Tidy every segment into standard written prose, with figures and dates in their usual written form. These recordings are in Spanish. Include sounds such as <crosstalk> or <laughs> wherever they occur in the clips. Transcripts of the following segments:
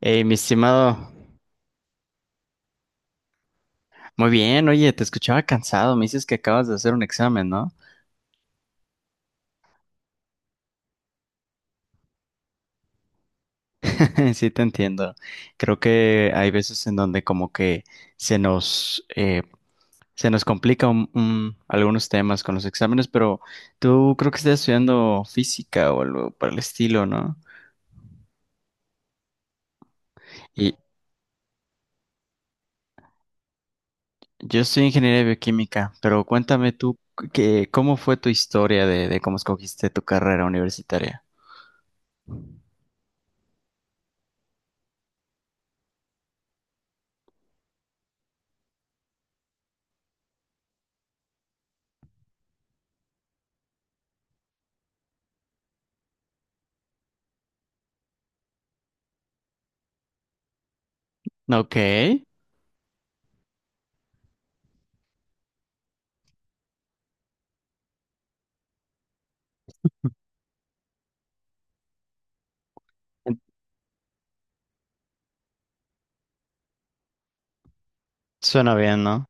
Hey, mi estimado, muy bien, oye, te escuchaba cansado, me dices que acabas de hacer un examen, ¿no? <laughs> Sí, te entiendo. Creo que hay veces en donde como que se nos, eh, se nos complica algunos temas con los exámenes, pero tú creo que estás estudiando física o algo para el estilo, ¿no? Yo soy ingeniero de bioquímica, pero cuéntame tú que, cómo fue tu historia de cómo escogiste tu carrera universitaria. Ok, suena bien, ¿no?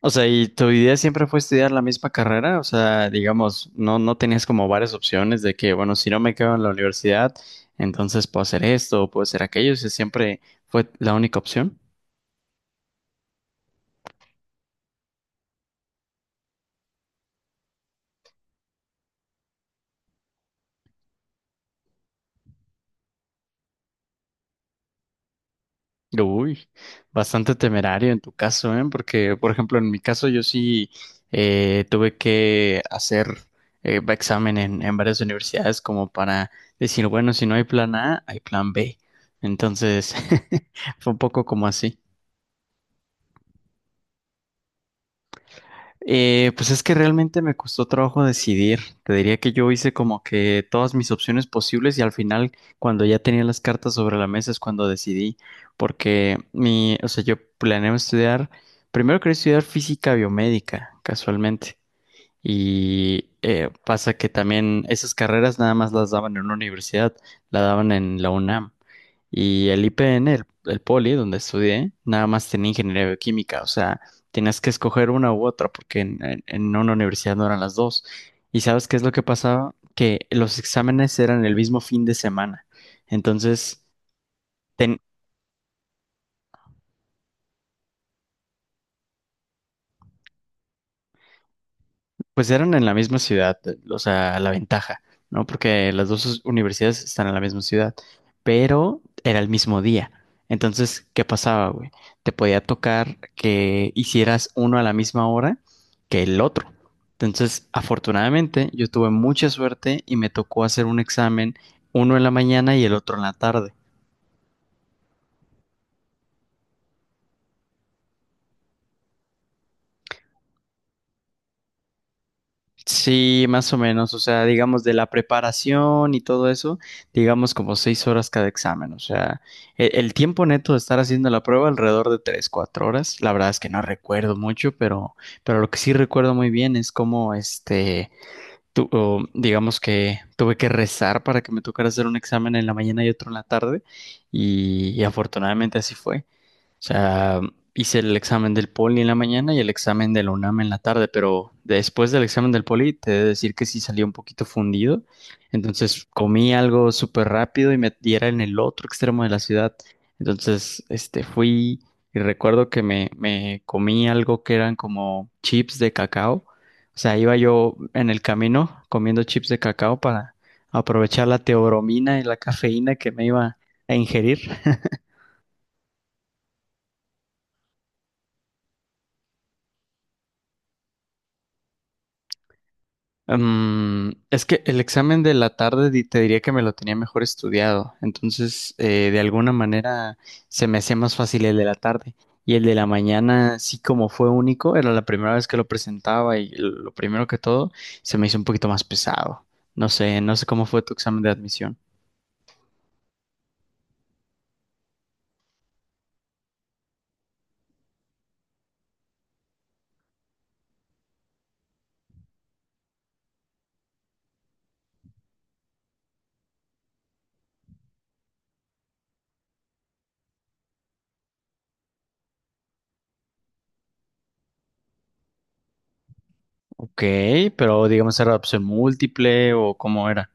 O sea, ¿y tu idea siempre fue estudiar la misma carrera? O sea, digamos, no tenías como varias opciones de que, bueno, si no me quedo en la universidad, entonces puedo hacer esto o puedo hacer aquello. O sea, siempre fue la única opción. Uy, bastante temerario en tu caso, ¿eh? Porque, por ejemplo, en mi caso yo sí tuve que hacer examen en varias universidades como para decir, bueno, si no hay plan A, hay plan B. Entonces, <laughs> fue un poco como así. Pues es que realmente me costó trabajo decidir. Te diría que yo hice como que todas mis opciones posibles y al final, cuando ya tenía las cartas sobre la mesa, es cuando decidí. Porque mi, o sea, yo planeaba estudiar, primero quería estudiar física biomédica, casualmente. Y pasa que también esas carreras nada más las daban en una universidad, la daban en la UNAM. Y el IPN, el Poli, donde estudié, nada más tenía ingeniería bioquímica, o sea, tenías que escoger una u otra, porque en una universidad no eran las dos. ¿Y sabes qué es lo que pasaba? Que los exámenes eran el mismo fin de semana. Entonces, ten- pues eran en la misma ciudad, o sea, la ventaja, ¿no? Porque las dos universidades están en la misma ciudad, pero era el mismo día. Entonces, ¿qué pasaba, güey? Te podía tocar que hicieras uno a la misma hora que el otro. Entonces, afortunadamente, yo tuve mucha suerte y me tocó hacer un examen, uno en la mañana y el otro en la tarde. Sí, más o menos, o sea, digamos de la preparación y todo eso, digamos como seis horas cada examen, o sea, tiempo neto de estar haciendo la prueba alrededor de tres, cuatro horas, la verdad es que no recuerdo mucho, pero lo que sí recuerdo muy bien es cómo, este, digamos que tuve que rezar para que me tocara hacer un examen en la mañana y otro en la tarde, y afortunadamente así fue sea, hice el examen del poli en la mañana y el examen de la UNAM en la tarde, pero después del examen del poli te he de decir que sí salí un poquito fundido. Entonces comí algo súper rápido y me y era en el otro extremo de la ciudad. Entonces, este, fui y recuerdo que me comí algo que eran como chips de cacao. O sea, iba yo en el camino comiendo chips de cacao para aprovechar la teobromina y la cafeína que me iba a ingerir. Mm, es que el examen de la tarde te diría que me lo tenía mejor estudiado, entonces de alguna manera se me hacía más fácil el de la tarde y el de la mañana sí como fue único, era la primera vez que lo presentaba y lo primero que todo se me hizo un poquito más pesado. No sé, no sé cómo fue tu examen de admisión. Ok, pero digamos era opción múltiple o cómo era.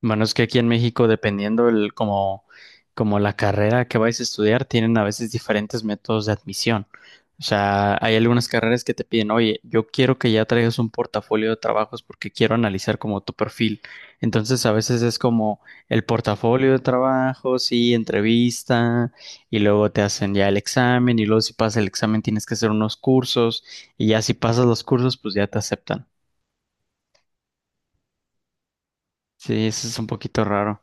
Bueno, es que aquí en México, dependiendo el, como, como la carrera que vais a estudiar, tienen a veces diferentes métodos de admisión. O sea, hay algunas carreras que te piden, oye, yo quiero que ya traigas un portafolio de trabajos porque quiero analizar como tu perfil. Entonces, a veces es como el portafolio de trabajos y entrevista, y luego te hacen ya el examen, y luego si pasas el examen tienes que hacer unos cursos, y ya si pasas los cursos, pues ya te aceptan. Sí, eso es un poquito raro.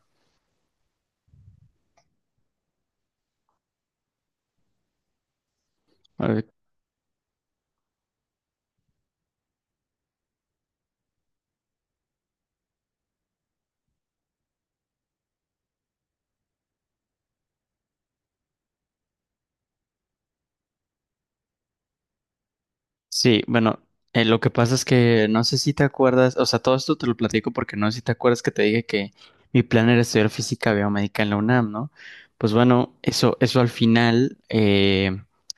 Sí, bueno, lo que pasa es que no sé si te acuerdas, o sea, todo esto te lo platico porque no sé si te acuerdas que te dije que mi plan era estudiar física biomédica en la UNAM, ¿no? Pues bueno, eso al final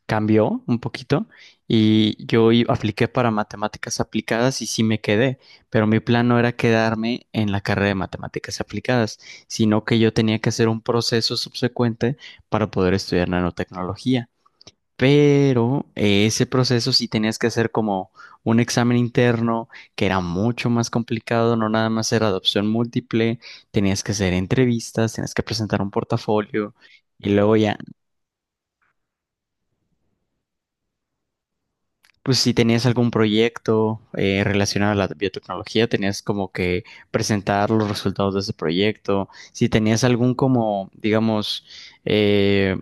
cambió un poquito y yo apliqué para matemáticas aplicadas y sí me quedé, pero mi plan no era quedarme en la carrera de matemáticas aplicadas, sino que yo tenía que hacer un proceso subsecuente para poder estudiar nanotecnología. Pero ese proceso sí tenías que hacer como un examen interno que era mucho más complicado, no nada más era adopción múltiple, tenías que hacer entrevistas, tenías que presentar un portafolio y luego ya, pues si tenías algún proyecto relacionado a la biotecnología, tenías como que presentar los resultados de ese proyecto, si tenías algún como, digamos, eh,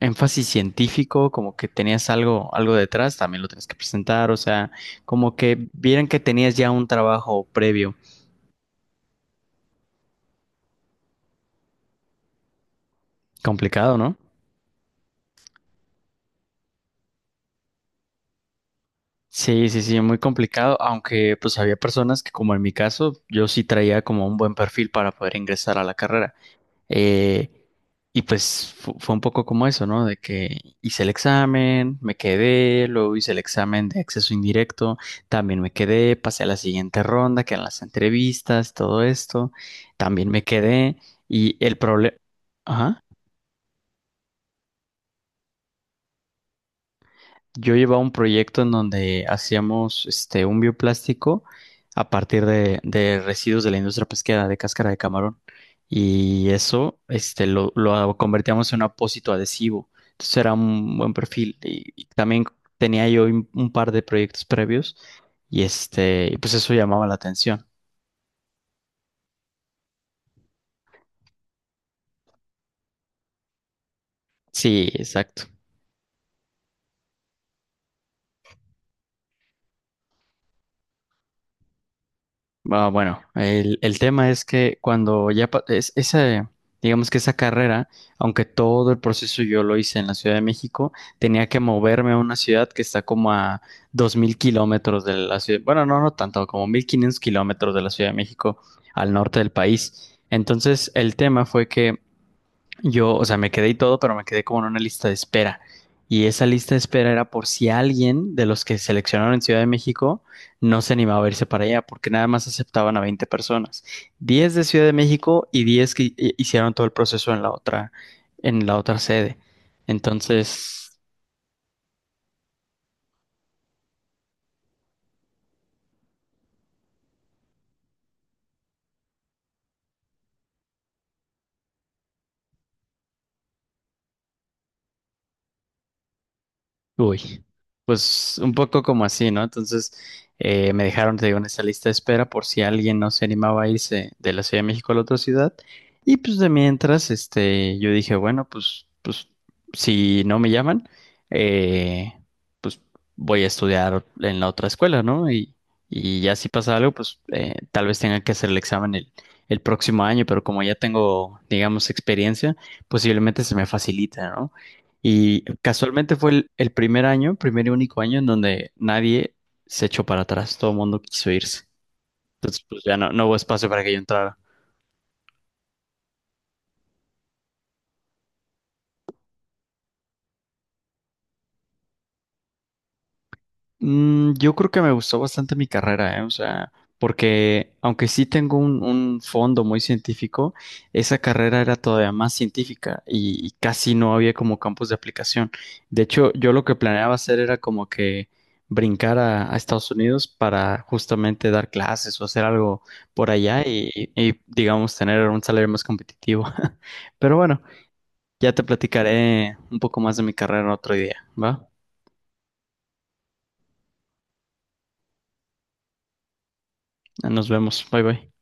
énfasis científico, como que tenías algo, algo detrás, también lo tienes que presentar, o sea, como que vieran que tenías ya un trabajo previo. Complicado, ¿no? Sí, sí, sí, muy complicado, aunque pues había personas que como en mi caso, yo sí traía como un buen perfil para poder ingresar a la carrera. Eh, y pues fue un poco como eso, ¿no? De que hice el examen, me quedé, luego hice el examen de acceso indirecto, también me quedé, pasé a la siguiente ronda, que eran las entrevistas, todo esto, también me quedé y el problema... Yo llevaba un proyecto en donde hacíamos este, un bioplástico a partir de residuos de la industria pesquera, de cáscara de camarón. Y eso este, lo convertíamos en un apósito adhesivo. Entonces era un buen perfil. Y también tenía yo un par de proyectos previos y este, y pues eso llamaba la atención. Sí, exacto. Ah, bueno, el tema es que cuando ya esa, digamos que esa carrera, aunque todo el proceso yo lo hice en la Ciudad de México, tenía que moverme a una ciudad que está como a 2000 kilómetros de la ciudad, bueno, no, no tanto, como 1500 kilómetros de la Ciudad de México al norte del país. Entonces, el tema fue que yo, o sea, me quedé y todo, pero me quedé como en una lista de espera. Y esa lista de espera era por si alguien de los que seleccionaron en Ciudad de México no se animaba a irse para allá, porque nada más aceptaban a 20 personas. 10 de Ciudad de México y 10 que hicieron todo el proceso en la otra sede. Entonces, uy, pues un poco como así, ¿no? Entonces me dejaron, te digo, en esa lista de espera por si alguien no se animaba a irse de la Ciudad de México a la otra ciudad. Y pues de mientras, este, yo dije, bueno, pues, pues si no me llaman, eh, pues voy a estudiar en la otra escuela, ¿no? Y ya si pasa algo, pues tal vez tenga que hacer el examen el próximo año, pero como ya tengo, digamos, experiencia, posiblemente se me facilita, y casualmente fue el primer año, primer y único año en donde nadie se echó para atrás, todo el mundo quiso irse. Entonces, pues ya no, no hubo espacio para que yo entrara. Mm, yo creo que me gustó bastante mi carrera, ¿eh? O sea, porque aunque sí tengo un fondo muy científico, esa carrera era todavía más científica y casi no había como campos de aplicación. De hecho, yo lo que planeaba hacer era como que brincar a Estados Unidos para justamente dar clases o hacer algo por allá y, digamos, tener un salario más competitivo. <laughs> Pero bueno, ya te platicaré un poco más de mi carrera otro día, ¿va? Nos vemos, bye bye.